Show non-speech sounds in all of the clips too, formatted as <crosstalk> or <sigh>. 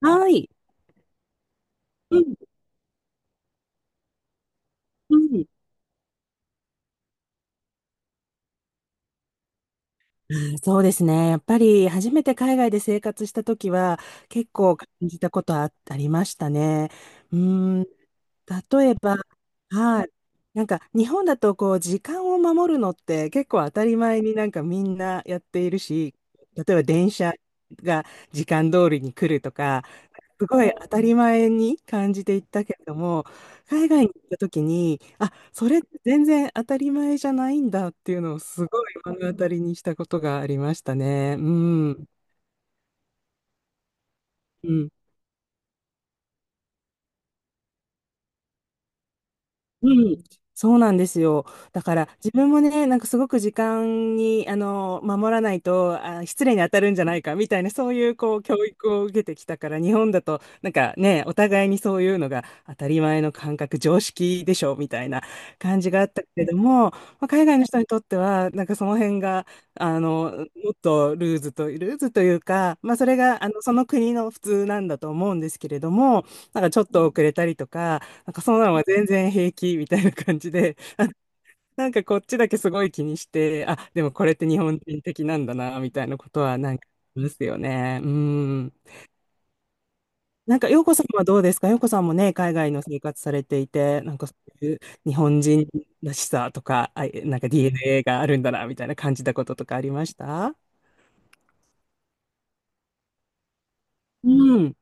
はい。うん、うん。あー、そうですね。やっぱり初めて海外で生活した時は結構感じたことはあ、ありましたね。うーん、例えば、はい。なんか日本だとこう時間を守るのって結構当たり前になんかみんなやっているし、例えば電車が時間通りに来るとか、すごい当たり前に感じていったけれども、海外に行った時に、あ、それって全然当たり前じゃないんだっていうのをすごい目の当たりにしたことがありましたね。うん。うん、うん、そうなんですよ。だから自分もね、なんかすごく時間に守らないと失礼に当たるんじゃないかみたいな、そういうこう教育を受けてきたから、日本だとなんかね、お互いにそういうのが当たり前の感覚、常識でしょみたいな感じがあったけれども、まあ、海外の人にとってはなんかその辺があのもっとルーズというか、まあ、それがあのその国の普通なんだと思うんですけれども、なんかちょっと遅れたりとか、なんかそんなのが全然平気みたいな感じで、なんかこっちだけすごい気にして、あ、でもこれって日本人的なんだな、みたいなことはなんかありますよね。うん。なんか、洋子さんはどうですか？洋子さんもね、海外の生活されていて、なんかそういう日本人らしさとか、あ、なんか DNA があるんだな、みたいな感じたこととかありました？うん。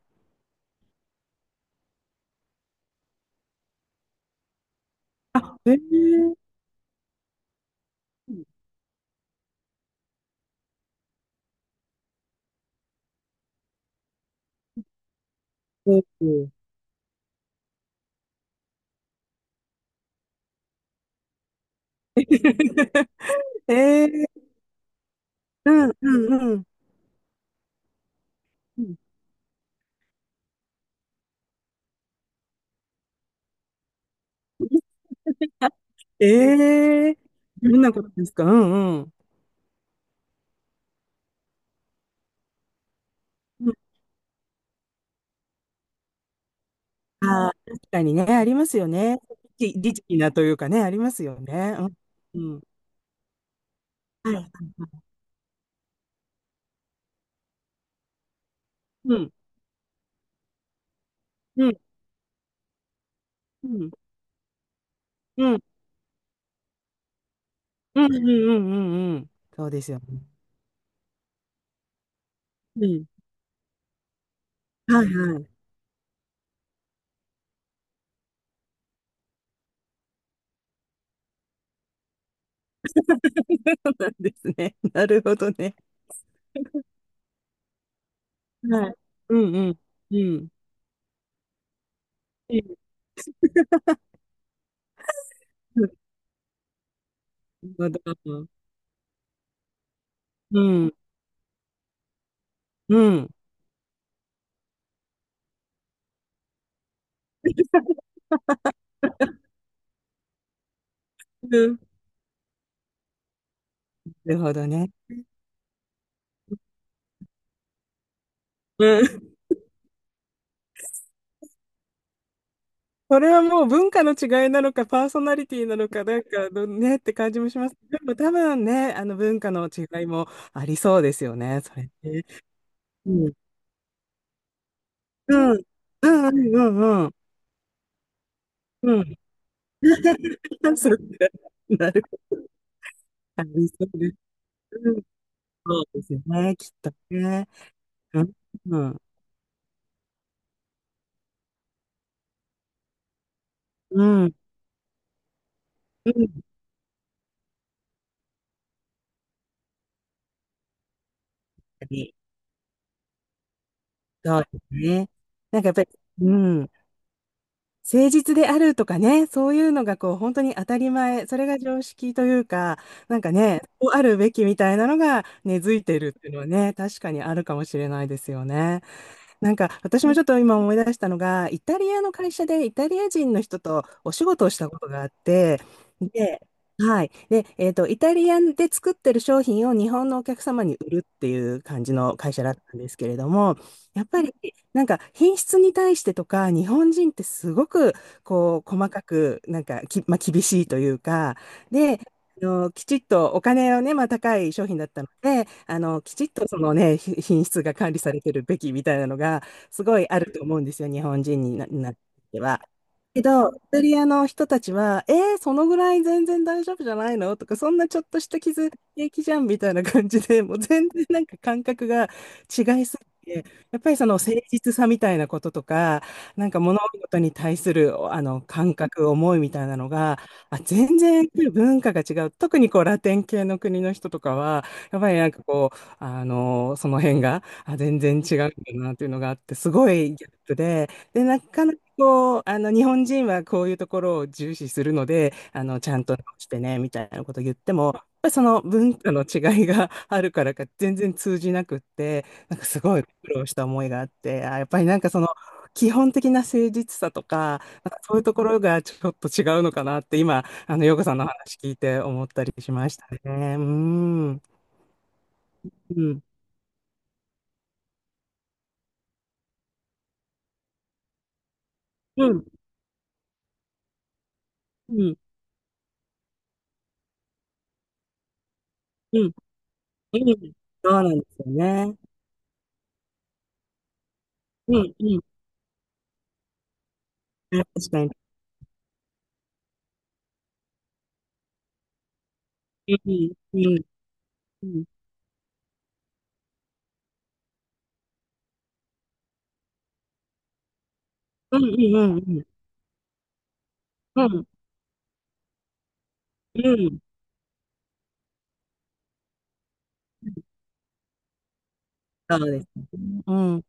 あ、えー、うん。 <laughs> えー、うん、うん、うん。ええ、どんなことですか？うん、うん。うん、ああ、確かにね、ありますよね。リ儀律儀なというかね、ありますよね。うん。うん。はい、はい、はい。うん。うん。うん。うん。うん。うん。うん、うん、うん、そうですよね。うん。はい、はい。<laughs> そうなんですね。なるほどね。はい。うん、うん。うん。うん。なるほど。うん。うん。うん、なるほどね。それはもう文化の違いなのか、パーソナリティなのか、なんかどねって感じもします。でも多分ね、あの文化の違いもありそうですよね、それね。うん。うん。うん、うん、うん、うん。うん。<laughs> そっか。なるほど。ありそうです。うん。そうですよね、きっとね。うん。うん。うん。うん。そうですね。なんかやっぱり、うん。誠実であるとかね、そういうのがこう本当に当たり前、それが常識というか、なんかね、こうあるべきみたいなのが根付いてるっていうのはね、確かにあるかもしれないですよね。なんか私もちょっと今思い出したのが、イタリアの会社でイタリア人の人とお仕事をしたことがあって、で、はい。で、イタリアンで作ってる商品を日本のお客様に売るっていう感じの会社だったんですけれども、やっぱりなんか品質に対してとか、日本人ってすごくこう細かく、なんかき、まあ、厳しいというか、で、あの、きちっとお金をね、まあ、高い商品だったので、あの、きちっとそのね、品質が管理されてるべきみたいなのが、すごいあると思うんですよ、日本人になっては。けど、イタリアの人たちは、えー、そのぐらい全然大丈夫じゃないのとか、そんなちょっとした傷平気じゃんみたいな感じで、<laughs> もう全然なんか感覚が違いすぎて、やっぱりその誠実さみたいなこととか、なんか物事に対するあの感覚、思いみたいなのが、あ、全然文化が違う。特にこうラテン系の国の人とかは、やっぱりなんかこう、あの、その辺が、あ、全然違うんだなっていうのがあって、すごいギャップで、で、なかなかこう、あの、日本人はこういうところを重視するので、あの、ちゃんと直してね、みたいなことを言っても、やっぱりその文化の違いが <laughs> あるからか全然通じなくって、なんかすごい苦労した思いがあって、あ、やっぱりなんかその基本的な誠実さとか、なんかそういうところがちょっと違うのかなって今、あの、ヨ子さんの話聞いて思ったりしましたね。うん。うん。うん。うん。うん。うん。そうなんですよね。うん。うん。確かに、うん、うん、うん。うん、うん、うん、うん。うん、うん、うん、うん、そうですね。うん。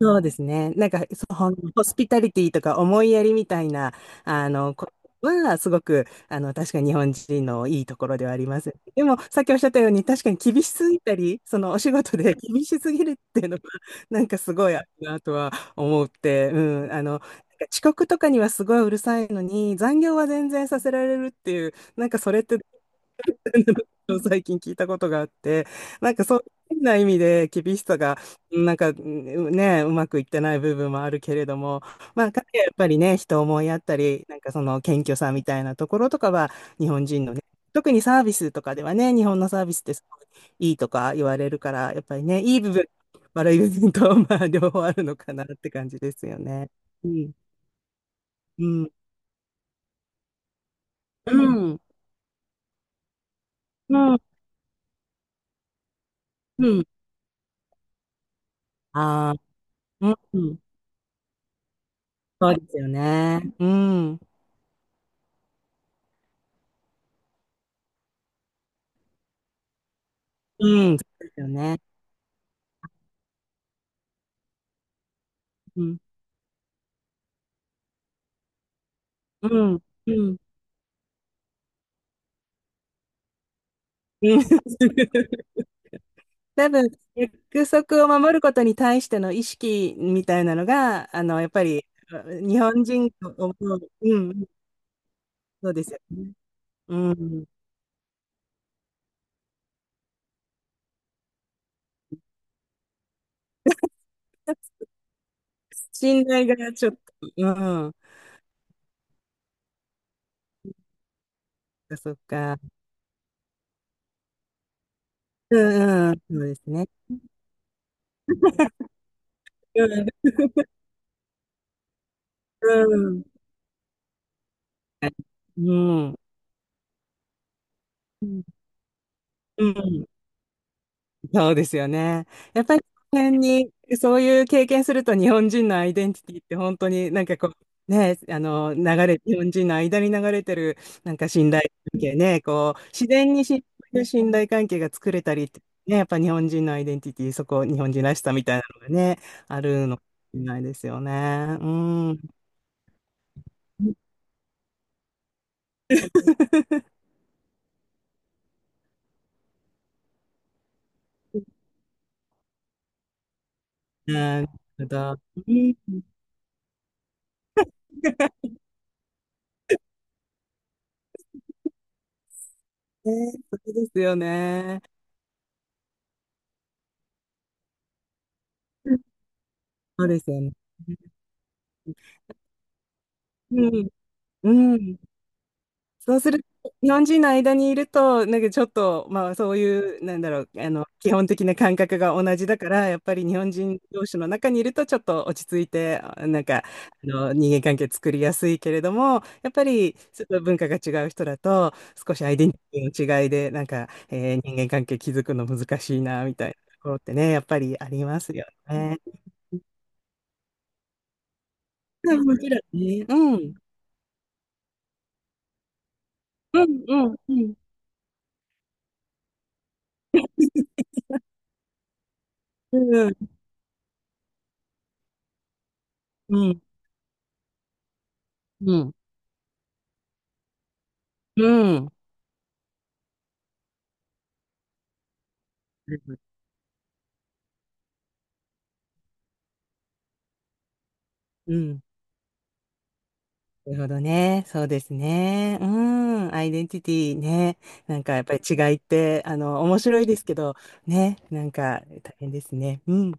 そうですね。なんか、そうホスピタリティとか思いやりみたいな、あの、こは、すごく、あの、確かに日本人のいいところではあります。でも、さっきおっしゃったように、確かに厳しすぎたり、その、お仕事で厳しすぎるっていうのは、なんかすごいあるなとは思って、うん、あの、なんか遅刻とかにはすごいうるさいのに、残業は全然させられるっていう、なんかそれって <laughs> 最近聞いたことがあって、なんかそういう変な意味で厳しさが、なんかうんね、うまくいってない部分もあるけれども、まあ、彼はやっぱりね、人を思いやったり、なんかその謙虚さみたいなところとかは、日本人のね、特にサービスとかではね、日本のサービスってすごいいいとか言われるから、やっぱりね、いい部分、悪い部分と、まあ、両方あるのかなって感じですよね。うん、うん、うん、うん、うん。ああ、うん、そうですよね。うん。うん、そうですよね。うん。うん。うん。うん。 <laughs>。多分、約束を守ることに対しての意識みたいなのが、あの、やっぱり、日本人と思う。うん。そうですよね。うん。信頼がちょっと、うん。そっか。うん、うん。そうですね。うん。うん。うん。うん。うん、そうですよね。やっぱり、この辺に、そういう経験すると日本人のアイデンティティって本当になんかこう、ね、あの、流れ、日本人の間に流れてる、なんか信頼関係ね、こう、自然に信頼関係が作れたりって、ね、やっぱ日本人のアイデンティティ、そこ、日本人らしさみたいなのがね、あるのかもしれないですよね。うん。<laughs> なるほど。うん。<laughs> ね、そうですよね。そうですよね。うん。うん。そうすると、日本人の間にいると、なんかちょっと、まあそういう、なんだろう、あの、基本的な感覚が同じだから、やっぱり日本人同士の中にいると、ちょっと落ち着いて、あ、なんか、あの、人間関係作りやすいけれども、やっぱり、ちょっと文化が違う人だと、少しアイデンティティの違いで、なんか、えー、人間関係築くの難しいな、みたいなところってね、やっぱりありますよね。うん、もちろんね。うん。うん、うん、うん。うん、うん、うん。うん。うん。なるほどね。そうですね。うん。アイデンティティね。なんかやっぱり違いって、あの、面白いですけど、ね。なんか大変ですね。うん。